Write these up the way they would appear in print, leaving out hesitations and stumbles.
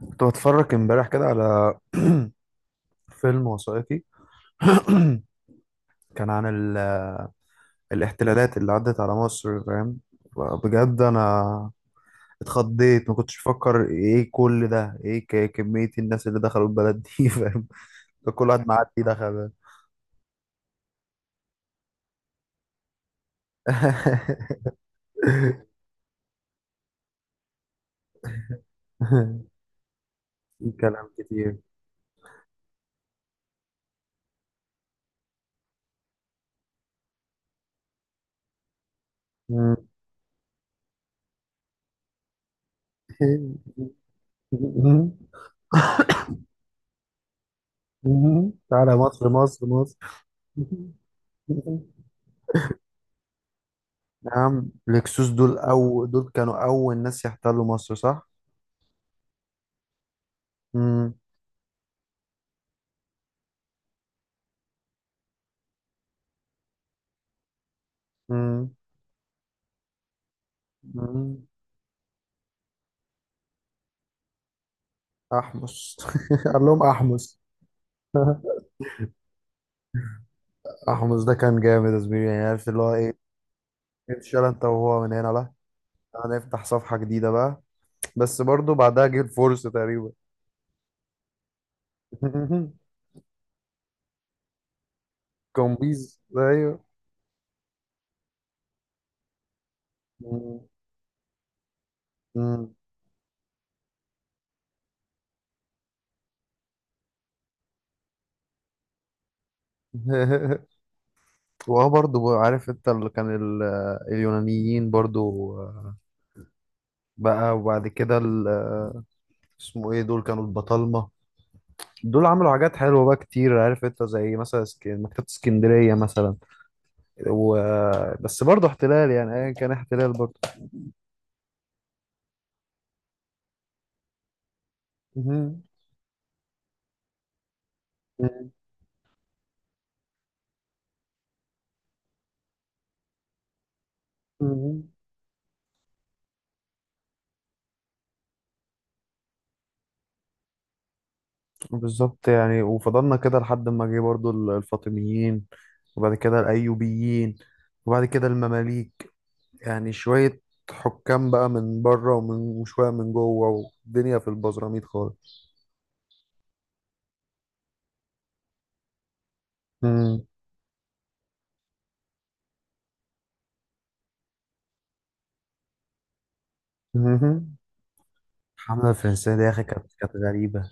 كنت بتفرج امبارح كده على فيلم وثائقي. كان عن ال... الاحتلالات اللي عدت على مصر، فاهم؟ بجد انا اتخضيت، ما كنتش بفكر ايه كل ده، ايه كمية الناس اللي دخلوا البلد دي؟ فاهم؟ ده كل واحد معدي دخل. في كلام كتير. تعالى مصر، مصر، مصر. نعم، الهكسوس دول أو دول كانوا أول ناس يحتلوا مصر، صح؟ مم. مم. مم. احمس. قال لهم احمس. احمس ده كان جامد يا زميلي، يعني عارف اللي هو ايه. اتشال انت وهو من هنا، لا، هنفتح صفحة جديدة بقى. بس برضو بعدها جه الفرصة تقريبا. كومبيز، ايوه. مم. مم. وهو برضو عارف انت اللي كان اليونانيين برضو. بقى وبعد كده اسمه ايه دول، كانوا البطالمة. دول عملوا حاجات حلوة بقى كتير، عارف انت، زي مثلا مكتبة اسكندرية مثلا. و... بس برضه احتلال، يعني ايا كان احتلال برضه. مهم. مهم. مهم. بالظبط، يعني وفضلنا كده لحد ما جه برضه الفاطميين، وبعد كده الايوبيين، وبعد كده المماليك. يعني شوية حكام بقى من بره ومن، وشوية من جوه، والدنيا في البزراميط خالص. مهم. مهم. الحملة الفرنسية دي يا أخي كانت غريبة.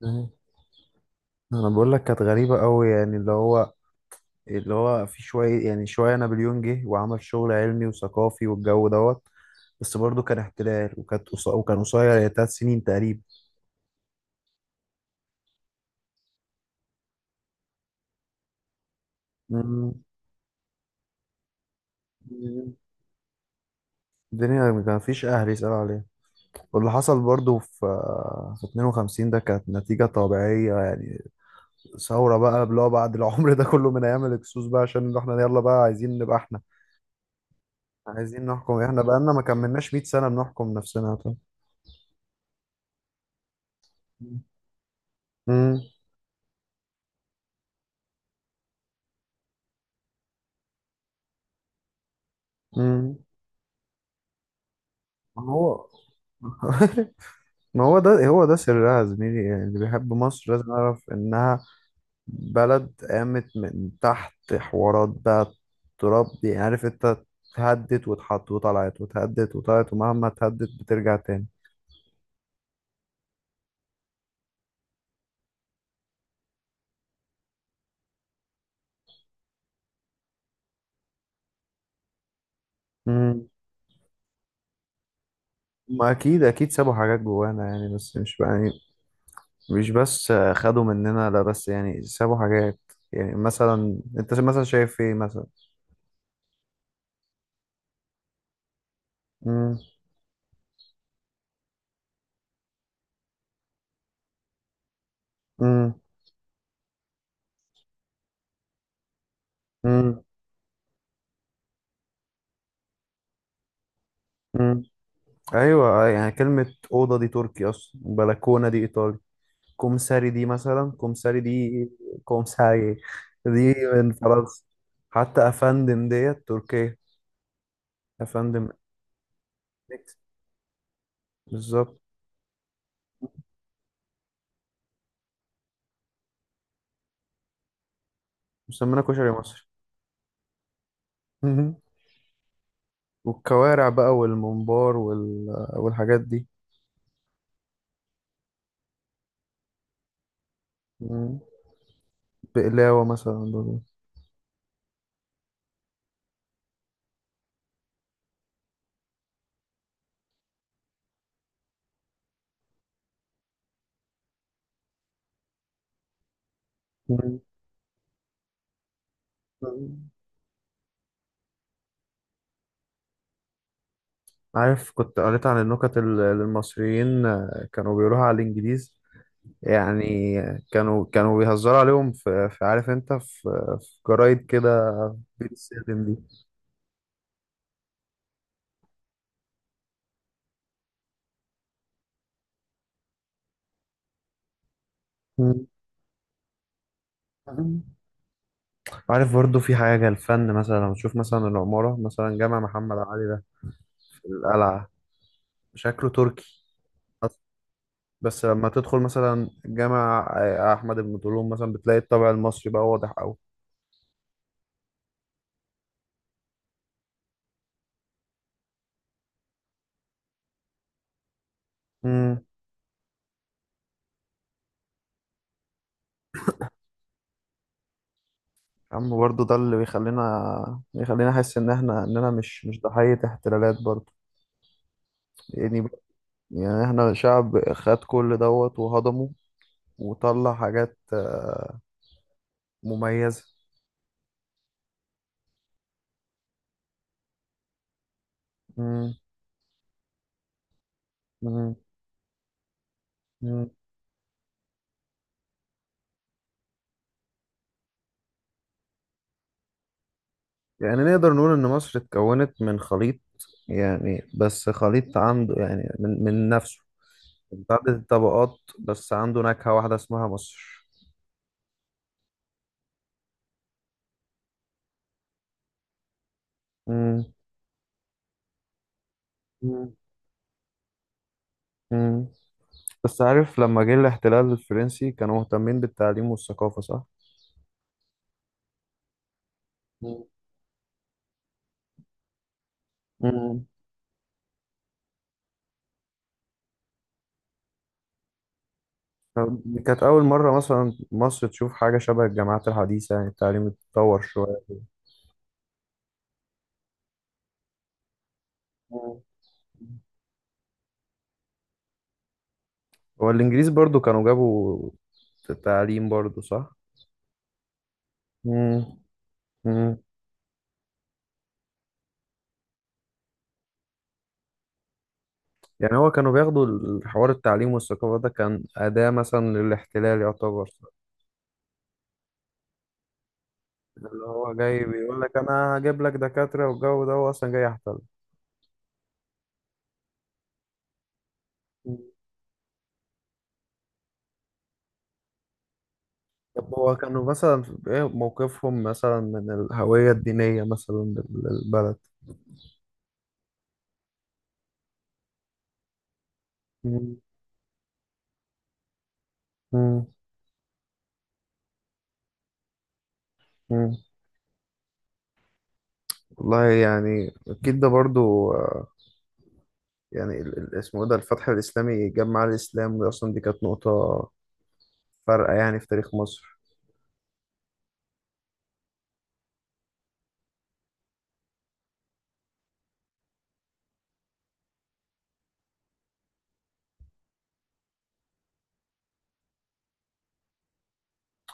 مم. أنا بقول لك كانت غريبة أوي، يعني اللي هو في شوية، يعني شوية نابليون جه وعمل شغل علمي وثقافي والجو دوت. بس برضه كان احتلال، وكان قصير، يعني 3 سنين تقريبا. مم. الدنيا ما فيش أهل يسأل عليه. واللي حصل برضه في 52 ده كانت نتيجة طبيعية، يعني ثورة بقى، اللي هو بعد العمر ده كله من أيام الهكسوس بقى، عشان احنا يلا بقى عايزين نبقى احنا عايزين نحكم احنا، بقالنا ما كملناش 100 سنة بنحكم نفسنا، طب. مم. مم. هو. ما هو ده هو ده سرها يا زميلي، يعني اللي بيحب مصر لازم يعرف إنها بلد قامت من تحت حوارات بقى، تراب دي، عارف أنت. اتهدت واتحط وطلعت، واتهدت وطلعت، ومهما اتهدت بترجع تاني. مم. ما أكيد أكيد سابوا حاجات جوانا، يعني بس مش بقى يعني، مش بس خدوا مننا، لا بس يعني سابوا حاجات. يعني مثلا أنت مثلا شايف إيه مثلا؟ مم. مم. مم. مم. أيوة، يعني كلمة أوضة دي تركي أصلا، بلكونة دي إيطالي، كومساري دي مثلا كومساري دي كومساري دي من فرنسا، حتى افندم ديت تركيا، افندم. نكس. بالظبط، مسمينا كشري مصر. مهم. والكوارع بقى والممبار والحاجات دي. مم. بقلاوة مثلا برضه. مم. عارف، كنت قريت عن النكت اللي المصريين كانوا بيقولوها على الإنجليز. يعني كانوا بيهزروا عليهم في عارف انت في جرايد كده بتتسلم دي. مهم. عارف برضو في حاجة، الفن مثلا، لما تشوف مثلا العمارة مثلا جامع محمد علي ده في القلعة، شكله تركي. أصلاً. بس لما تدخل مثلا جامع أحمد بن طولون مثلا، بتلاقي الطابع المصري بقى واضح أوي. امم. يا عم برضو ده اللي بيخلينا أحس إن إحنا إننا مش ضحية احتلالات، برضو يعني يعني إحنا شعب خد كل دوت وهضمه، وطلع حاجات مميزة. امم. يعني نقدر نقول إن مصر اتكونت من خليط، يعني بس خليط عنده يعني من نفسه، متعدد الطبقات، بس عنده نكهة واحدة اسمها مصر. مم. مم. مم. بس عارف لما جه الاحتلال الفرنسي كانوا مهتمين بالتعليم والثقافة، صح؟ مم. مم. دي كانت أول مرة مثلا مصر تشوف حاجة شبه الجامعات الحديثة، يعني التعليم اتطور شوية. مم. والإنجليز برضو كانوا جابوا التعليم برضو، صح؟ مم. مم. يعني هو كانوا بياخدوا الحوار، التعليم والثقافة ده كان أداة مثلا للاحتلال، يعتبر اللي هو جاي بيقول لك أنا هجيب لك دكاترة والجو ده، هو أصلا جاي يحتل. مم. طب هو كانوا مثلا إيه موقفهم مثلا من الهوية الدينية مثلا للبلد؟ مم. مم. مم. والله يعني أكيد ده برضو يعني اسمه إيه ده، الفتح الإسلامي، جمع الإسلام دي أصلا دي كانت نقطة فارقة يعني في تاريخ مصر.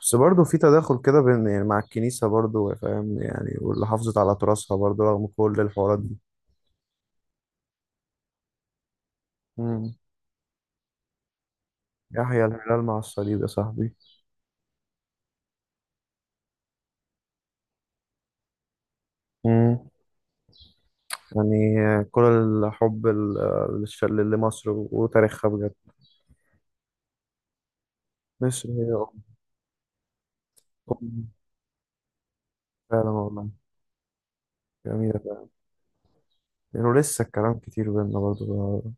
بس برضه في تداخل كده بين، يعني مع الكنيسة برضه، فاهم يعني، واللي حافظت على تراثها برضه رغم كل الحوارات دي. مم. يحيى الهلال مع الصليب يا صاحبي. مم. يعني كل الحب لمصر وتاريخها بجد. مصر هي، أم- فعلا والله، جميلة فعلا. يعني ولسه الكلام كتير بينا برضه.